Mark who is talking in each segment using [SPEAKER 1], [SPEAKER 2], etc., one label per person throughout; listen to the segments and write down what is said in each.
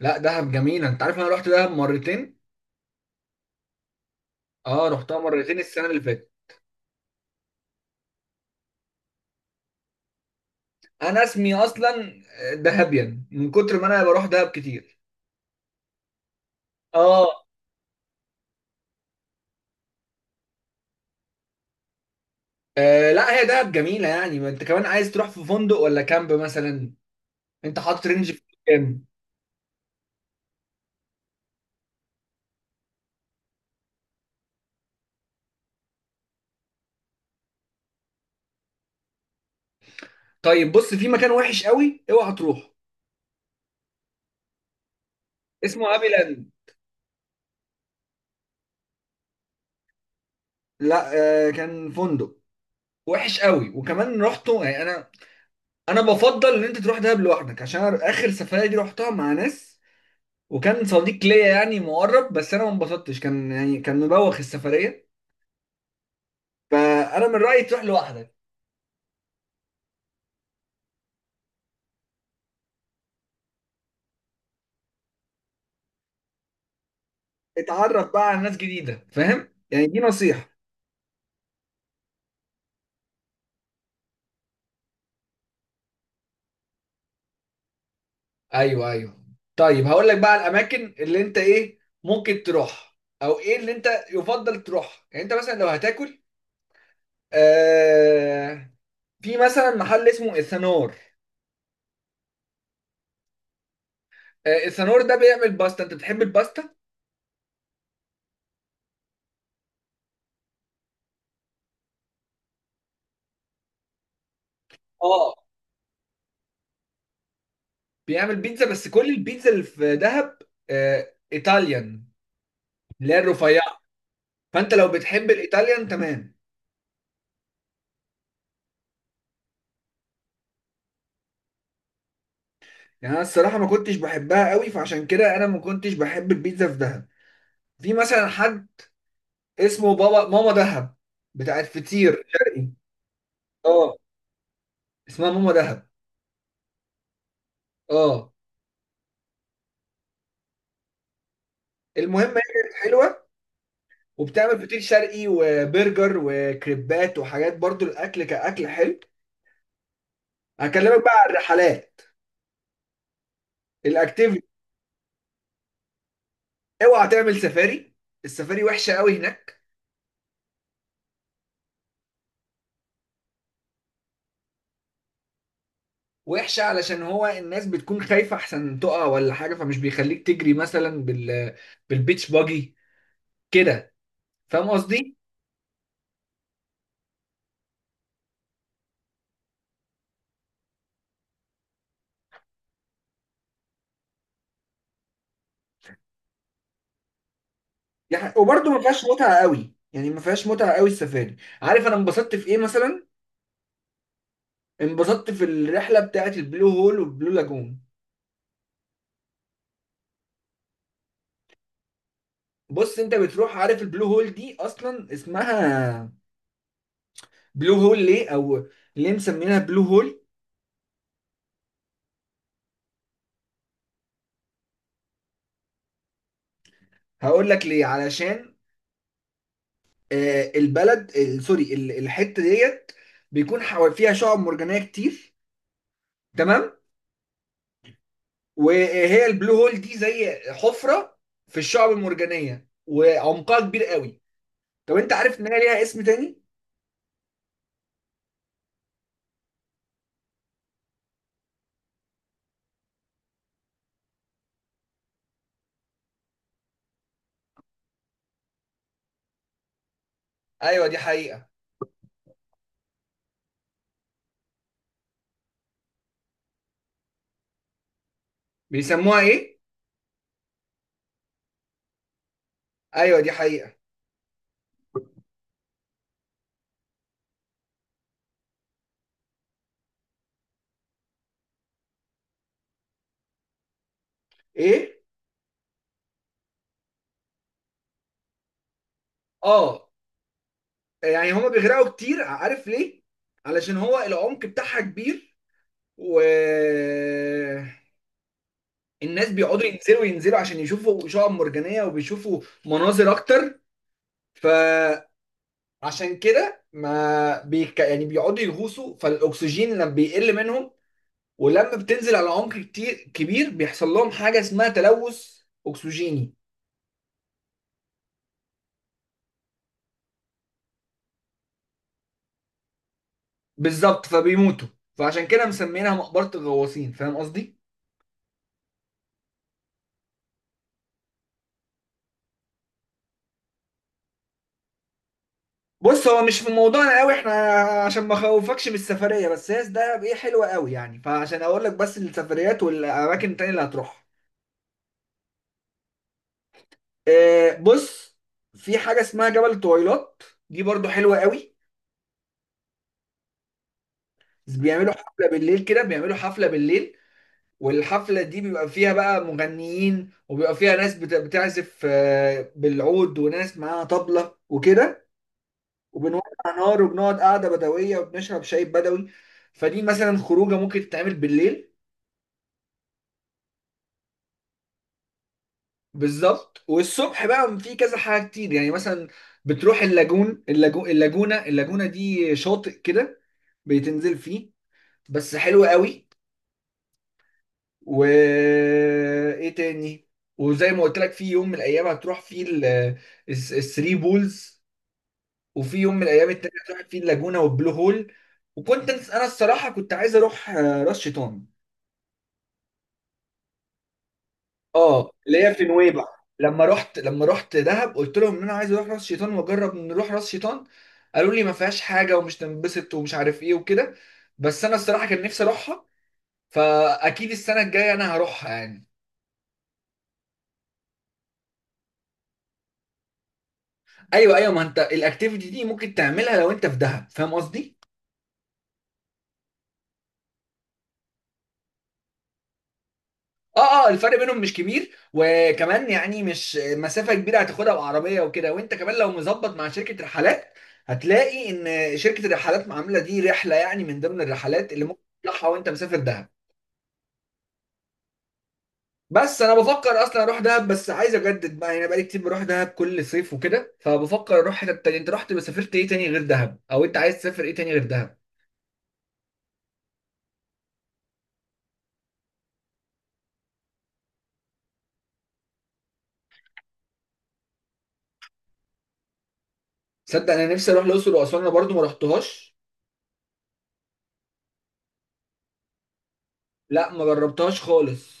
[SPEAKER 1] لا، دهب جميلة. انت عارف انا رحت دهب مرتين. اه، رحتها مرتين السنة اللي فاتت. انا اسمي اصلا دهبيان من كتر ما انا بروح دهب كتير. اه. لا هي دهب جميلة يعني، ما انت كمان عايز تروح في فندق ولا كامب مثلا. انت حاطط رينج في كام؟ طيب بص، في مكان وحش قوي اوعى تروح. اسمه هابي لاند. لا. كان فندق وحش قوي. وكمان رحته يعني انا بفضل ان انت تروح دهب لوحدك عشان اخر سفرية دي رحتها مع ناس. وكان صديق ليا يعني مقرب، بس انا ما انبسطتش، كان يعني كان مبوخ السفريه. فانا من رايي تروح لوحدك. اتعرف بقى على ناس جديده، فاهم؟ يعني دي نصيحه. ايوه، ايوه. طيب هقول لك بقى على الاماكن اللي انت ايه ممكن تروح، او ايه اللي انت يفضل تروح. يعني انت مثلا لو هتاكل، آه في مثلا محل اسمه السنور. السنور ده بيعمل باستا. انت بتحب الباستا؟ اه. بيعمل بيتزا، بس كل البيتزا اللي في دهب ايطاليان، اللي هي الرفيعه. فانت لو بتحب الايطاليان، تمام. يعني انا الصراحه ما كنتش بحبها قوي، فعشان كده انا ما كنتش بحب البيتزا في دهب. في مثلا حد اسمه بابا ماما دهب بتاعت فطير شرقي. اه، اسمها ماما دهب. اه، المهم هي كانت حلوه وبتعمل فطير شرقي وبرجر وكريبات وحاجات، برضو الاكل كاكل حلو. هكلمك بقى على الرحلات، الاكتيفيتي. اوعى تعمل سفاري، السفاري وحشه قوي هناك. وحشة علشان هو الناس بتكون خايفة أحسن تقع ولا حاجة، فمش بيخليك تجري مثلا بالبيتش باجي كده. فاهم قصدي؟ يعني وبرده ما فيهاش متعة قوي، يعني ما فيهاش متعة قوي السفاري. عارف أنا انبسطت في إيه مثلا؟ انبسطت في الرحلة بتاعة البلو هول والبلو لاجون. بص، أنت بتروح، عارف البلو هول دي أصلا اسمها بلو هول ليه؟ أو ليه مسمينها بلو هول؟ هقول لك ليه. علشان سوري، الحتة ديت بيكون فيها شعاب مرجانية كتير. تمام. وهي البلو هول دي زي حفره في الشعب المرجانيه وعمقها كبير قوي. طب انت عارف ان هي ليها اسم تاني؟ ايوه، دي حقيقه. بيسموها ايه؟ ايوه، دي حقيقه. ايه؟ اه. يعني هما بيغرقوا كتير، عارف ليه؟ علشان هو العمق بتاعها كبير، و الناس بيقعدوا ينزلوا ينزلوا عشان يشوفوا شعاب مرجانيه وبيشوفوا مناظر اكتر. فعشان كده ما بيك... يعني بيقعدوا يغوصوا، فالاكسجين لما بيقل منهم ولما بتنزل على عمق كتير كبير بيحصل لهم حاجه اسمها تلوث اكسجيني. بالظبط، فبيموتوا. فعشان كده مسمينها مقبره الغواصين، فاهم قصدي؟ بص، هو مش في موضوعنا قوي احنا عشان ما اخوفكش من السفريه، بس هي ده ايه حلوه قوي يعني. فعشان اقول لك بس السفريات والاماكن التانيه اللي هتروحها، بص، في حاجه اسمها جبل طويلات. دي برضو حلوه قوي. بيعملوا حفله بالليل كده، بيعملوا حفله بالليل. والحفلة دي بيبقى فيها بقى مغنيين، وبيبقى فيها ناس بتعزف بالعود، وناس معاها طبلة وكده. وبنولع نار وبنقعد قعدة بدوية وبنشرب شاي بدوي. فدي مثلا خروجة ممكن تتعمل بالليل. بالظبط. والصبح بقى في كذا حاجة كتير، يعني مثلا بتروح اللاجونة دي شاطئ كده بتنزل فيه، بس حلو قوي. وايه تاني؟ وزي ما قلت لك، في يوم من الايام هتروح فيه الثري بولز، وفي يوم من الايام التانية هتروح فيه اللاجونة والبلو هول. وكنت انا الصراحة كنت عايز اروح راس شيطان، اه، اللي هي في نويبع. لما رحت دهب قلت لهم ان انا عايز اروح راس شيطان، واجرب نروح راس شيطان. قالوا لي ما فيهاش حاجة ومش تنبسط ومش عارف ايه وكده. بس انا الصراحة كان نفسي اروحها. فاكيد السنة الجاية انا هروحها يعني. ايوه، ايوه، ما انت الاكتيفيتي دي ممكن تعملها لو انت في دهب، فاهم قصدي. اه، اه، الفرق بينهم مش كبير، وكمان يعني مش مسافه كبيره هتاخدها بعربيه وكده. وانت كمان لو مظبط مع شركه رحلات، هتلاقي ان شركه الرحلات عامله دي رحله، يعني من ضمن الرحلات اللي ممكن تطلعها وانت مسافر دهب. بس انا بفكر اصلا اروح دهب، بس عايز اجدد بقى. يعني بقالي كتير بروح دهب كل صيف وكده، فبفكر اروح حته تانية. انت رحت سافرت ايه تاني غير دهب، او انت عايز تسافر ايه تاني غير دهب؟ صدق، انا نفسي اروح الاقصر واسوان، انا برضو ما رحتهاش. لا، ما جربتهاش خالص.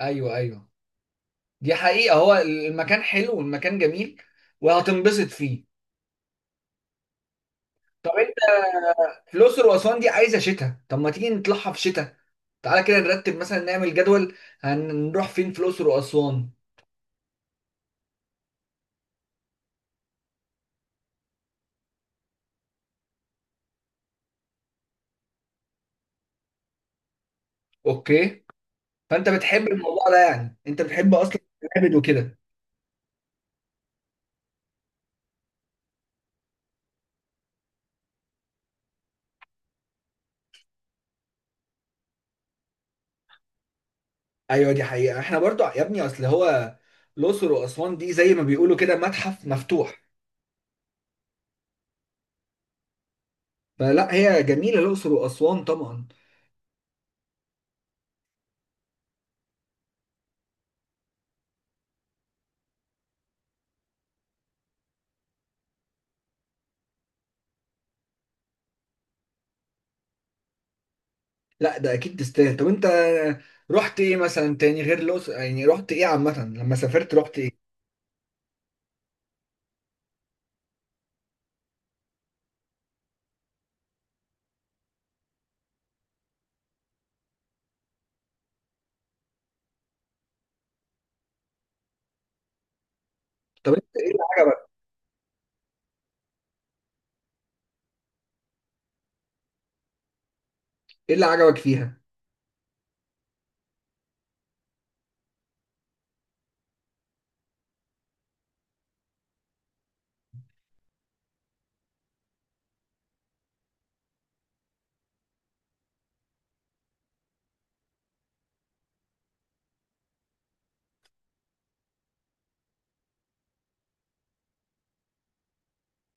[SPEAKER 1] ايوه، ايوه، دي حقيقة. هو المكان حلو والمكان جميل وهتنبسط فيه. طب انت، في الاقصر واسوان دي عايزة شتاء، طب ما تيجي نطلعها في شتاء. تعالى كده نرتب، مثلا نعمل جدول هنروح فين في الاقصر واسوان. اوكي. فانت بتحب الموضوع ده؟ يعني انت بتحب اصلا المعابد وكده؟ ايوه، دي حقيقة. احنا برضو يا ابني اصل هو الاقصر واسوان دي زي ما بيقولوا كده متحف مفتوح. فلا، هي جميلة الاقصر واسوان طبعا. لا، ده اكيد تستاهل. طب انت رحت ايه مثلا تاني غير الاقصر؟ يعني رحت ايه عامه لما سافرت، رحت ايه؟ طب انت ايه اللي عجبك، ايه اللي عجبك فيها؟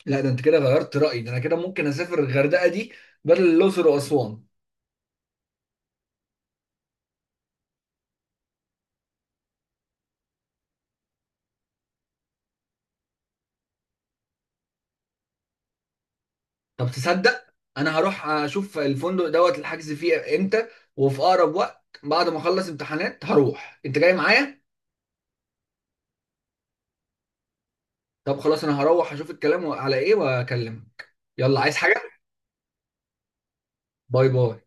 [SPEAKER 1] لا، ده انت كده غيرت رايي، ده انا كده ممكن اسافر الغردقه دي بدل الاقصر واسوان. طب تصدق، انا هروح اشوف الفندق دوت الحجز فيه امتى، وفي اقرب وقت بعد ما اخلص امتحانات هروح. انت جاي معايا؟ طب خلاص، انا هروح اشوف الكلام على ايه واكلمك. يلا، عايز حاجه؟ باي باي.